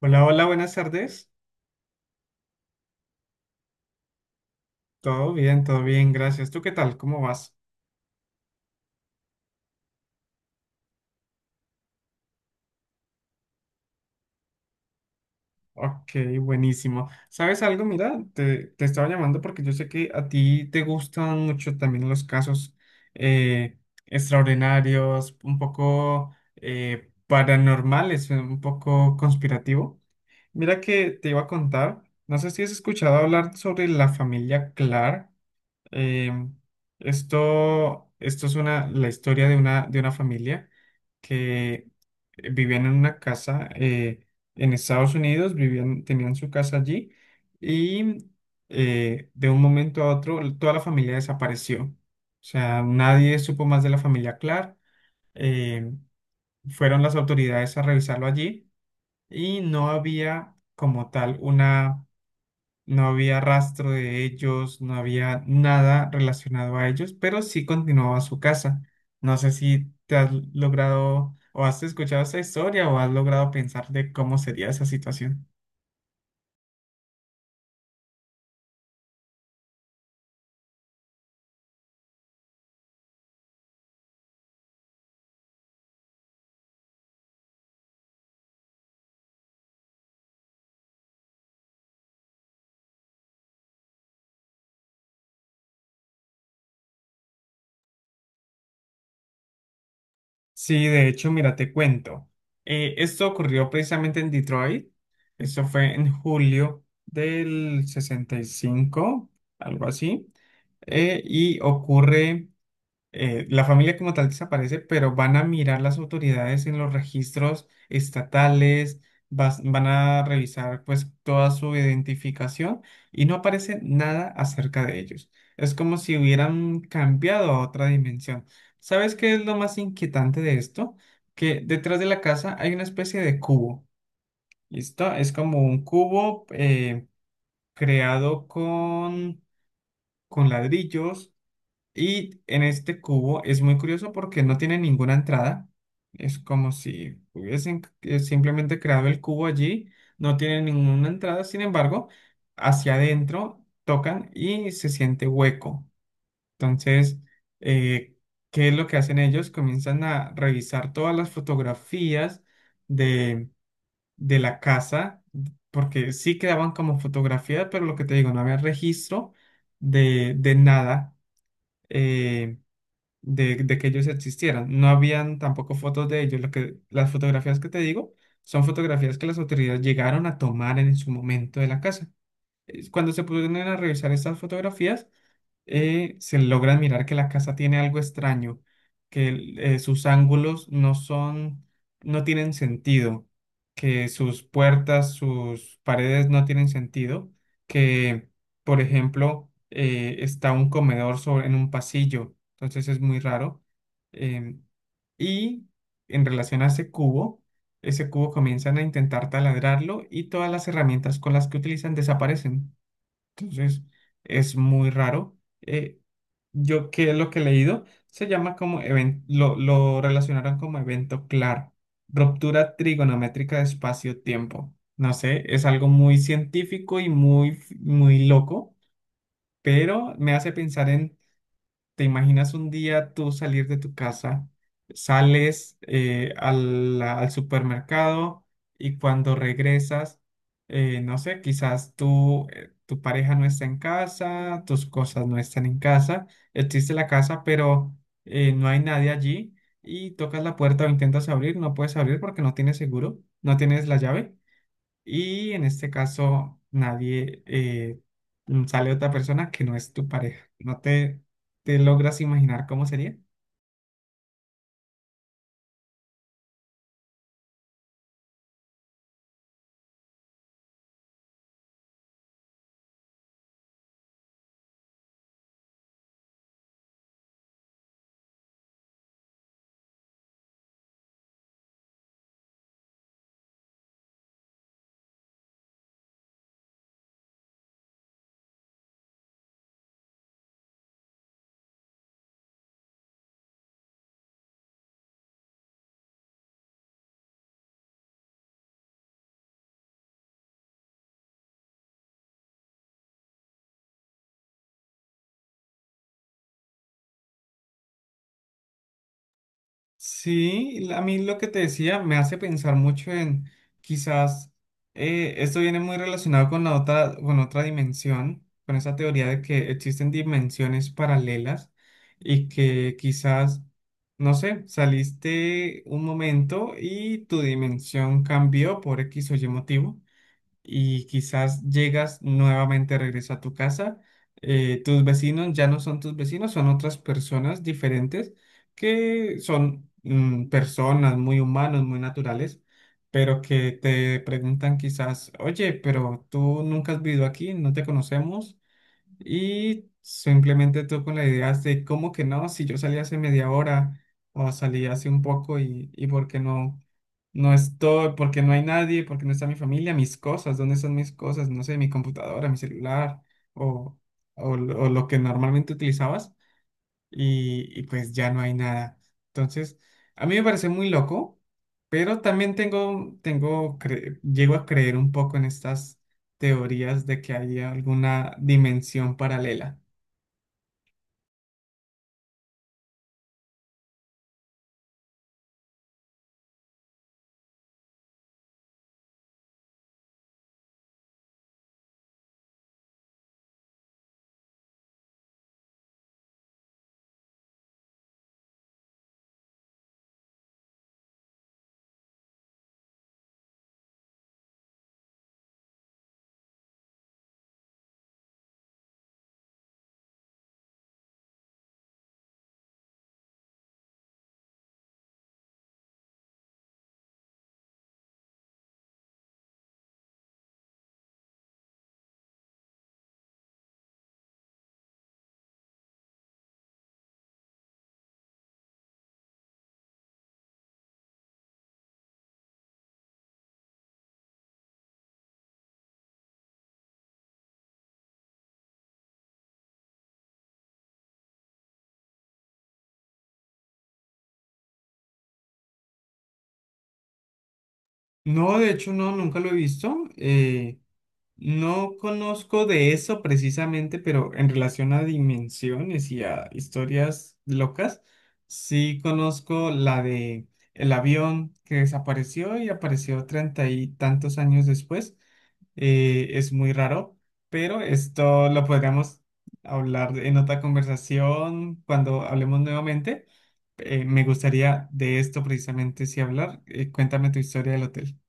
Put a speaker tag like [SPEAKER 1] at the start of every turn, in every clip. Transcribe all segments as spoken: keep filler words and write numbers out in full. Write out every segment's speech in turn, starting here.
[SPEAKER 1] Hola, hola, buenas tardes. Todo bien, todo bien, gracias. ¿Tú qué tal? ¿Cómo vas? Ok, buenísimo. ¿Sabes algo? Mira, te, te estaba llamando porque yo sé que a ti te gustan mucho también los casos eh, extraordinarios, un poco eh, paranormales, un poco conspirativo. Mira que te iba a contar, no sé si has escuchado hablar sobre la familia Clark. Em, esto, esto es una, la historia de una, de una familia que vivían en una casa eh, en Estados Unidos, vivían, tenían su casa allí y eh, de un momento a otro toda la familia desapareció. O sea, nadie supo más de la familia Clark. eh, Fueron las autoridades a revisarlo allí y no había como tal una no había rastro de ellos, no había nada relacionado a ellos, pero sí continuaba su casa. No sé si te has logrado o has escuchado esa historia o has logrado pensar de cómo sería esa situación. Sí, de hecho, mira, te cuento. Eh, esto ocurrió precisamente en Detroit. Eso fue en julio del sesenta y cinco, algo así. Eh, y ocurre eh, la familia como tal desaparece, pero van a mirar las autoridades en los registros estatales, vas- van a revisar pues toda su identificación y no aparece nada acerca de ellos. Es como si hubieran cambiado a otra dimensión. ¿Sabes qué es lo más inquietante de esto? Que detrás de la casa hay una especie de cubo. ¿Listo? Es como un cubo eh, creado con, con ladrillos, y en este cubo es muy curioso porque no tiene ninguna entrada. Es como si hubiesen eh, simplemente creado el cubo allí. No tiene ninguna entrada. Sin embargo, hacia adentro tocan y se siente hueco. Entonces, eh, ¿qué es lo que hacen ellos? Comienzan a revisar todas las fotografías de, de la casa. Porque sí quedaban como fotografías, pero lo que te digo, no había registro de, de nada. eh, de, de que ellos existieran. No habían tampoco fotos de ellos. Lo que, las fotografías que te digo son fotografías que las autoridades llegaron a tomar en su momento de la casa. Eh, Cuando se pudieron a revisar estas fotografías, eh, se logra mirar que la casa tiene algo extraño, que el- eh, sus ángulos no son, no tienen sentido, que sus puertas, sus paredes no tienen sentido, que, por ejemplo, eh, está un comedor sobre, en un pasillo, entonces es muy raro. em, y en relación a ese cubo, ese cubo comienzan a intentar taladrarlo y todas las herramientas con las que utilizan desaparecen. Entonces, es muy raro. Eh, yo que lo que he leído se llama como evento, lo, lo relacionaron como evento claro, ruptura trigonométrica de espacio-tiempo. No sé, es algo muy científico y muy, muy loco, pero me hace pensar en ¿te imaginas un día tú salir de tu casa, sales eh, al, al supermercado y cuando regresas, eh, no sé, quizás tú, eh, tu pareja no está en casa, tus cosas no están en casa, existe la casa, pero eh, no hay nadie allí y tocas la puerta o intentas abrir, no puedes abrir porque no tienes seguro, no tienes la llave? Y en este caso, nadie eh, mm, sale otra persona que no es tu pareja. ¿No te, te logras imaginar cómo sería? Sí, la- a mí lo que te decía me hace pensar mucho en quizás eh, esto viene muy relacionado con la otra, con otra dimensión, con esa teoría de que existen dimensiones paralelas y que quizás, no sé, saliste un momento y tu dimensión cambió por X o Y motivo. Y quizás llegas nuevamente, regreso a tu casa, eh, tus vecinos ya no son tus vecinos, son otras personas diferentes que son mm, personas muy humanos, muy naturales, pero que te preguntan quizás, oye, pero tú nunca has vivido aquí, no te conocemos. Y simplemente tú con la idea de cómo que no, si yo salí hace media hora o salí hace un poco y, y por qué no, no estoy, porque no hay nadie, porque no está mi familia, mis cosas, ¿dónde están mis cosas? No sé, mi computadora, mi celular o, o, lo o lo que normalmente utilizabas y, y pues ya no hay nada. Entonces, a mí me parece muy loco, pero también tengo, tengo, cre- llego a creer un poco en estas teorías de que hay alguna dimensión paralela. No, de hecho, no, nunca lo he visto. eh, No conozco de eso precisamente, pero en relación a dimensiones y a historias locas, sí conozco la de el avión que desapareció y apareció treinta y tantos años después. Eh, es muy raro, pero esto lo podríamos hablar en otra conversación cuando hablemos nuevamente. Eh, me gustaría de esto precisamente sí hablar. Eh, cuéntame tu historia del hotel.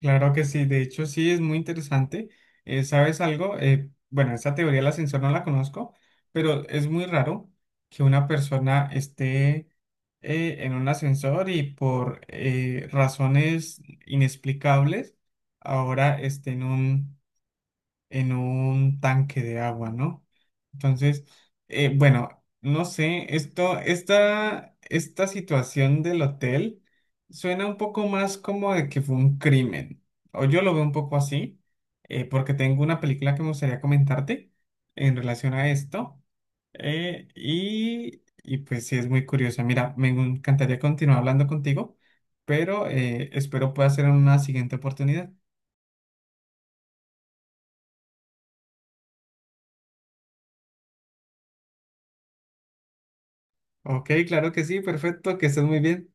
[SPEAKER 1] Claro que sí, de hecho sí es muy interesante. Eh, ¿sabes algo? Eh, bueno, esa teoría del ascensor no la conozco, pero es muy raro que una persona esté eh, en un ascensor y por eh, razones inexplicables ahora esté en un en un tanque de agua, ¿no? Entonces, eh, bueno, no sé, esto, esta, esta situación del hotel suena un poco más como de que fue un crimen, o yo lo veo un poco así, eh, porque tengo una película que me gustaría comentarte en relación a esto, eh, y, y pues sí, es muy curiosa. Mira, me encantaría continuar hablando contigo, pero eh, espero pueda ser en una siguiente oportunidad. Ok, claro que sí, perfecto, que estés muy bien.